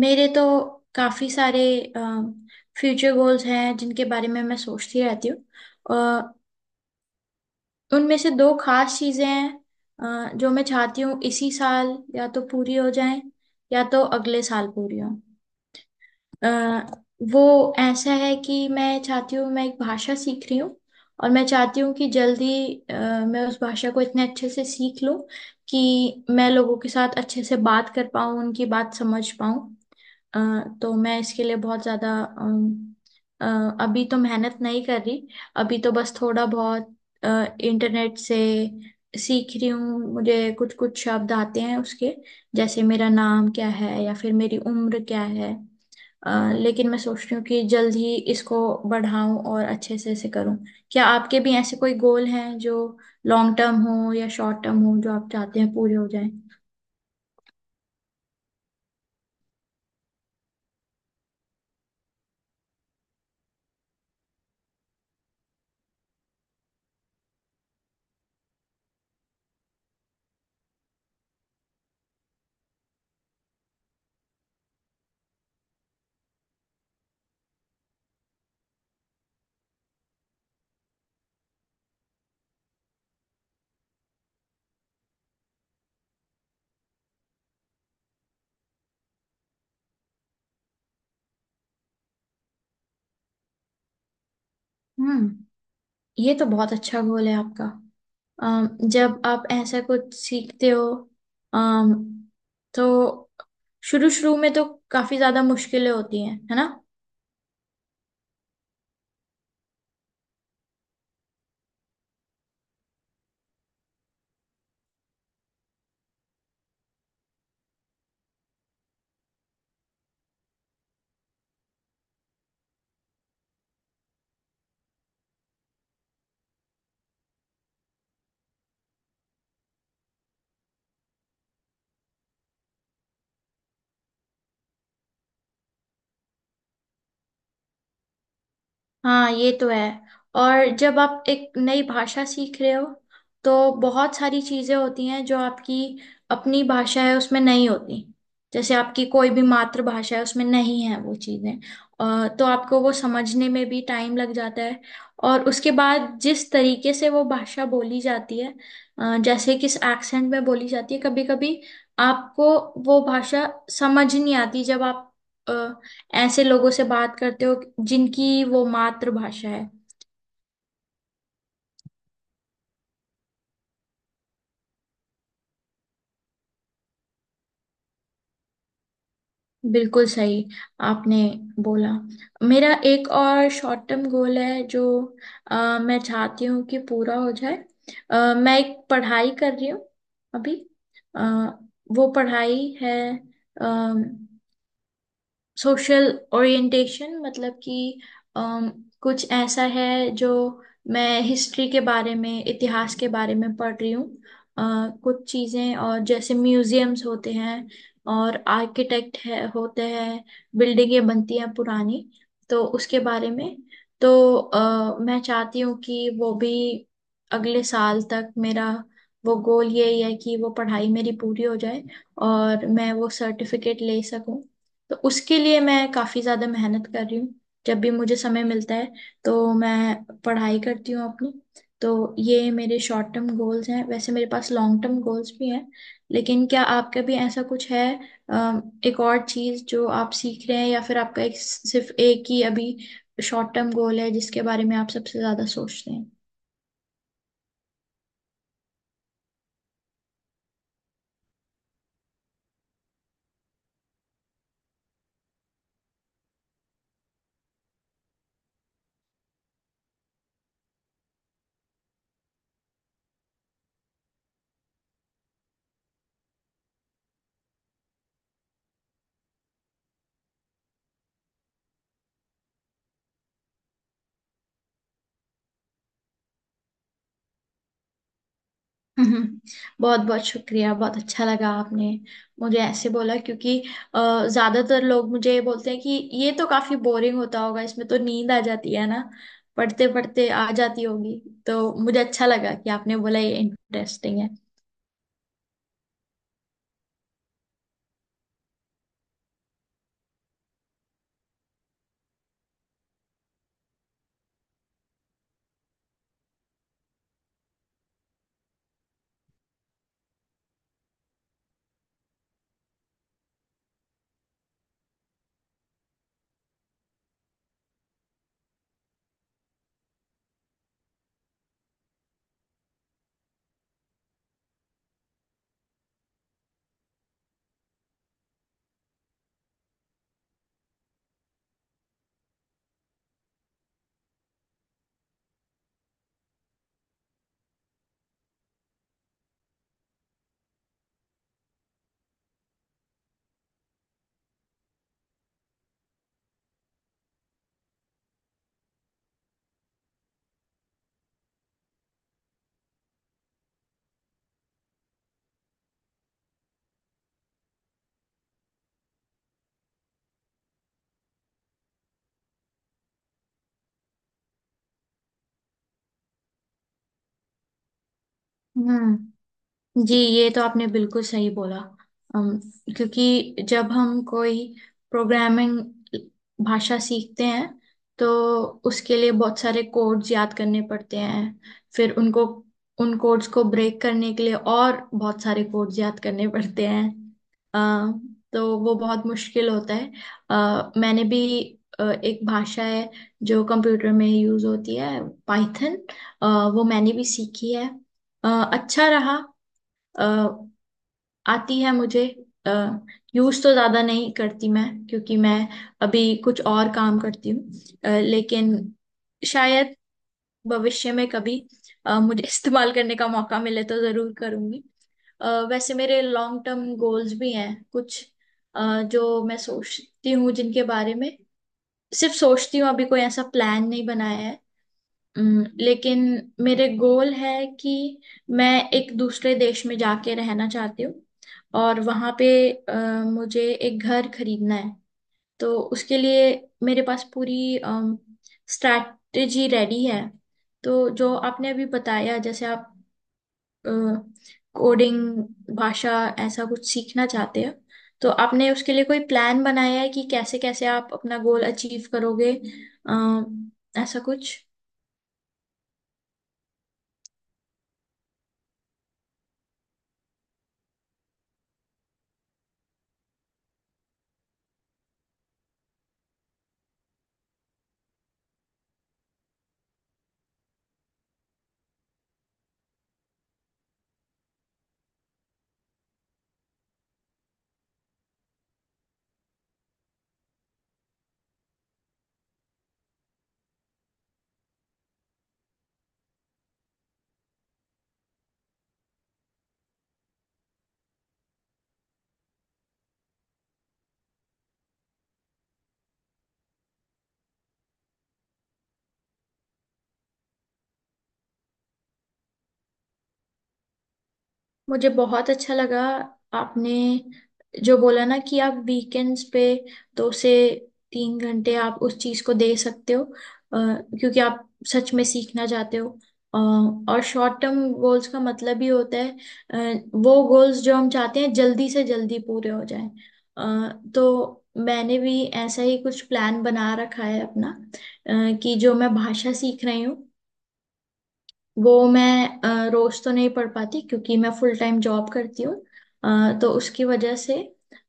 मेरे तो काफी सारे फ्यूचर गोल्स हैं जिनके बारे में मैं सोचती रहती हूँ। अ, उनमें से दो खास चीजें हैं जो मैं चाहती हूँ इसी साल या तो पूरी हो जाएं या तो अगले साल पूरी हों। अ, वो ऐसा है कि मैं चाहती हूँ मैं एक भाषा सीख रही हूँ और मैं चाहती हूँ कि जल्दी अ, मैं उस भाषा को इतने अच्छे से सीख लूँ कि मैं लोगों के साथ अच्छे से बात कर पाऊँ उनकी बात समझ पाऊँ। अ, तो मैं इसके लिए बहुत ज़्यादा अम, अभी तो मेहनत नहीं कर रही। अभी तो बस थोड़ा बहुत इंटरनेट से सीख रही हूँ। मुझे कुछ कुछ शब्द आते हैं उसके, जैसे मेरा नाम क्या है या फिर मेरी उम्र क्या है। अ, लेकिन मैं सोच रही हूँ कि जल्द ही इसको बढ़ाऊं और अच्छे से इसे करूं। क्या आपके भी ऐसे कोई गोल हैं जो लॉन्ग टर्म हो या शॉर्ट टर्म हो, जो आप चाहते हैं पूरे हो जाएं? हम्म ये तो बहुत अच्छा गोल है आपका। जब आप ऐसा कुछ सीखते हो अम, तो शुरू शुरू में तो काफी ज्यादा मुश्किलें होती हैं, है ना? हाँ, ये तो है। और जब आप एक नई भाषा सीख रहे हो तो बहुत सारी चीजें होती हैं जो आपकी अपनी भाषा है उसमें नहीं होती। जैसे आपकी कोई भी मातृभाषा है, उसमें नहीं है वो चीजें। तो आपको वो समझने में भी टाइम लग जाता है। और उसके बाद जिस तरीके से वो भाषा बोली जाती है, जैसे किस एक्सेंट में बोली जाती है, कभी कभी आपको वो भाषा समझ नहीं आती जब आप ऐसे लोगों से बात करते हो जिनकी वो मातृभाषा है। बिल्कुल सही। आपने बोला। मेरा एक और शॉर्ट टर्म गोल है जो मैं चाहती हूँ कि पूरा हो जाए। मैं एक पढ़ाई कर रही हूँ अभी। अ, वो पढ़ाई है सोशल ओरिएंटेशन, मतलब कि अम, कुछ ऐसा है जो, मैं हिस्ट्री के बारे में, इतिहास के बारे में पढ़ रही हूँ। अ, कुछ चीज़ें और जैसे म्यूजियम्स होते हैं और आर्किटेक्ट है होते हैं, बिल्डिंगें बनती हैं पुरानी, तो उसके बारे में। तो मैं चाहती हूँ कि वो भी अगले साल तक, मेरा वो गोल यही है कि वो पढ़ाई मेरी पूरी हो जाए और मैं वो सर्टिफिकेट ले सकूं। तो उसके लिए मैं काफी ज्यादा मेहनत कर रही हूँ। जब भी मुझे समय मिलता है तो मैं पढ़ाई करती हूँ अपनी। तो ये मेरे शॉर्ट टर्म गोल्स हैं। वैसे मेरे पास लॉन्ग टर्म गोल्स भी हैं, लेकिन क्या आपका भी ऐसा कुछ है? एक और चीज जो आप सीख रहे हैं, या फिर आपका एक, सिर्फ एक ही अभी शॉर्ट टर्म गोल है जिसके बारे में आप सबसे ज्यादा सोचते हैं? हम्म, बहुत बहुत शुक्रिया। बहुत अच्छा लगा आपने मुझे ऐसे बोला, क्योंकि अ, ज्यादातर लोग मुझे ये बोलते हैं कि ये तो काफी बोरिंग होता होगा, इसमें तो नींद आ जाती है ना, पढ़ते पढ़ते आ जाती होगी। तो मुझे अच्छा लगा कि आपने बोला ये इंटरेस्टिंग है। हम्म जी, ये तो आपने बिल्कुल सही बोला। अम, क्योंकि जब हम कोई प्रोग्रामिंग भाषा सीखते हैं तो उसके लिए बहुत सारे कोड्स याद करने पड़ते हैं। फिर उनको, उन कोड्स को ब्रेक करने के लिए और बहुत सारे कोड्स याद करने पड़ते हैं। अ, तो वो बहुत मुश्किल होता है। मैंने भी एक भाषा है जो कंप्यूटर में यूज होती है, पाइथन, वो मैंने भी सीखी है। अ, अच्छा रहा। अ, आती है मुझे। यूज तो ज्यादा नहीं करती मैं, क्योंकि मैं अभी कुछ और काम करती हूँ। लेकिन शायद भविष्य में कभी मुझे इस्तेमाल करने का मौका मिले तो जरूर करूंगी। वैसे मेरे लॉन्ग टर्म गोल्स भी हैं कुछ, जो मैं सोचती हूँ, जिनके बारे में सिर्फ सोचती हूँ, अभी कोई ऐसा प्लान नहीं बनाया है। लेकिन मेरे गोल है कि मैं एक दूसरे देश में जाके रहना चाहती हूँ और वहाँ पे मुझे एक घर खरीदना है। तो उसके लिए मेरे पास पूरी स्ट्रैटेजी रेडी है। तो जो आपने अभी बताया, जैसे आप कोडिंग भाषा ऐसा कुछ सीखना चाहते हो, तो आपने उसके लिए कोई प्लान बनाया है कि कैसे कैसे आप अपना गोल अचीव करोगे, ऐसा कुछ? मुझे बहुत अच्छा लगा आपने जो बोला ना, कि आप वीकेंड्स पे 2 से 3 घंटे आप उस चीज को दे सकते हो, क्योंकि आप सच में सीखना चाहते हो। अ, और शॉर्ट टर्म गोल्स का मतलब ही होता है वो गोल्स जो हम चाहते हैं जल्दी से जल्दी पूरे हो जाएं। तो मैंने भी ऐसा ही कुछ प्लान बना रखा है अपना, कि जो मैं भाषा सीख रही हूँ वो मैं रोज तो नहीं पढ़ पाती, क्योंकि मैं फुल टाइम जॉब करती हूँ। तो उसकी वजह से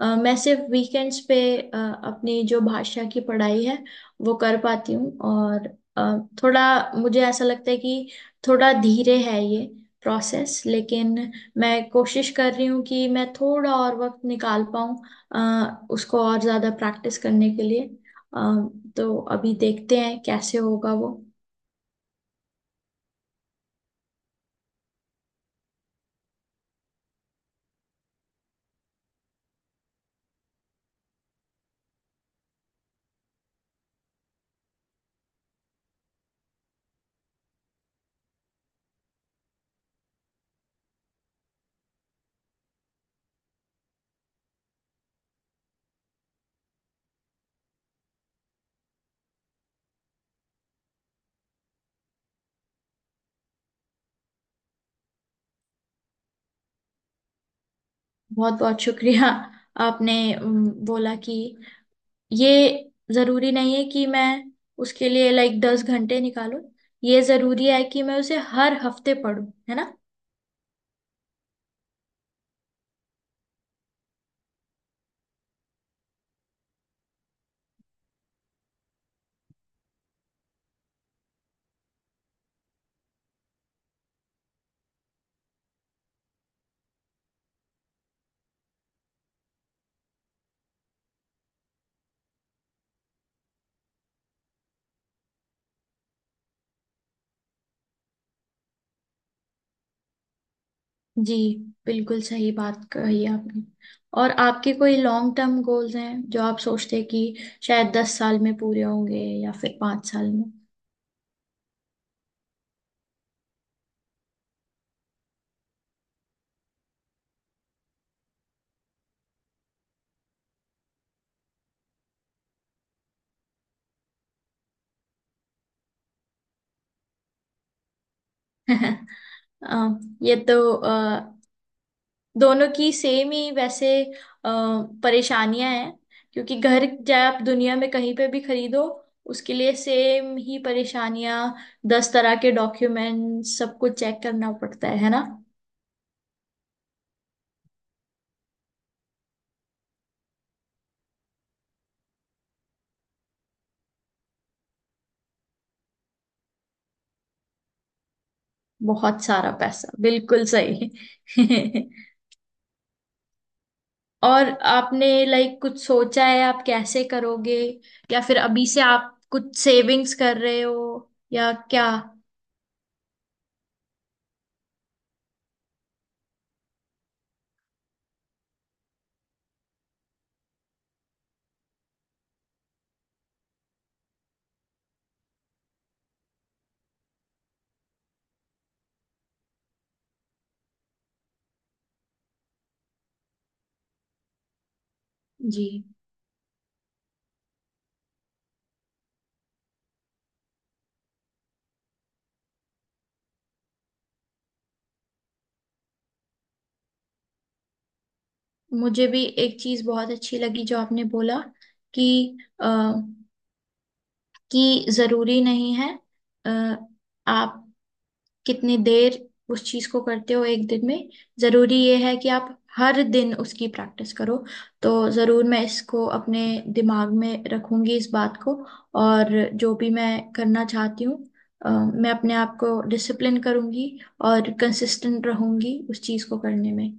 मैं सिर्फ वीकेंड्स पे अपनी जो भाषा की पढ़ाई है वो कर पाती हूँ। और थोड़ा मुझे ऐसा लगता है कि थोड़ा धीरे है ये प्रोसेस, लेकिन मैं कोशिश कर रही हूँ कि मैं थोड़ा और वक्त निकाल पाऊँ उसको और ज़्यादा प्रैक्टिस करने के लिए। अ, तो अभी देखते हैं कैसे होगा वो। बहुत बहुत शुक्रिया। आपने बोला कि ये जरूरी नहीं है कि मैं उसके लिए लाइक 10 घंटे निकालूं, ये जरूरी है कि मैं उसे हर हफ्ते पढूं, है ना? जी, बिल्कुल सही बात कही आपने। और आपके कोई लॉन्ग टर्म गोल्स हैं जो आप सोचते हैं कि शायद 10 साल में पूरे होंगे या फिर 5 साल में? ये तो दोनों की सेम ही वैसे अ, परेशानियां हैं। क्योंकि घर चाहे आप दुनिया में कहीं पे भी खरीदो, उसके लिए सेम ही परेशानियां। 10 तरह के डॉक्यूमेंट, सब कुछ चेक करना पड़ता है ना? बहुत सारा पैसा, बिल्कुल सही। और आपने लाइक कुछ सोचा है आप कैसे करोगे, या फिर अभी से आप कुछ सेविंग्स कर रहे हो, या क्या? जी, मुझे भी एक चीज बहुत अच्छी लगी जो आपने बोला, कि कि जरूरी नहीं है अ, आप कितनी देर उस चीज को करते हो एक दिन में, जरूरी ये है कि आप हर दिन उसकी प्रैक्टिस करो। तो जरूर मैं इसको अपने दिमाग में रखूंगी, इस बात को। और जो भी मैं करना चाहती हूँ मैं अपने आप को डिसिप्लिन करूंगी और कंसिस्टेंट रहूंगी उस चीज को करने में।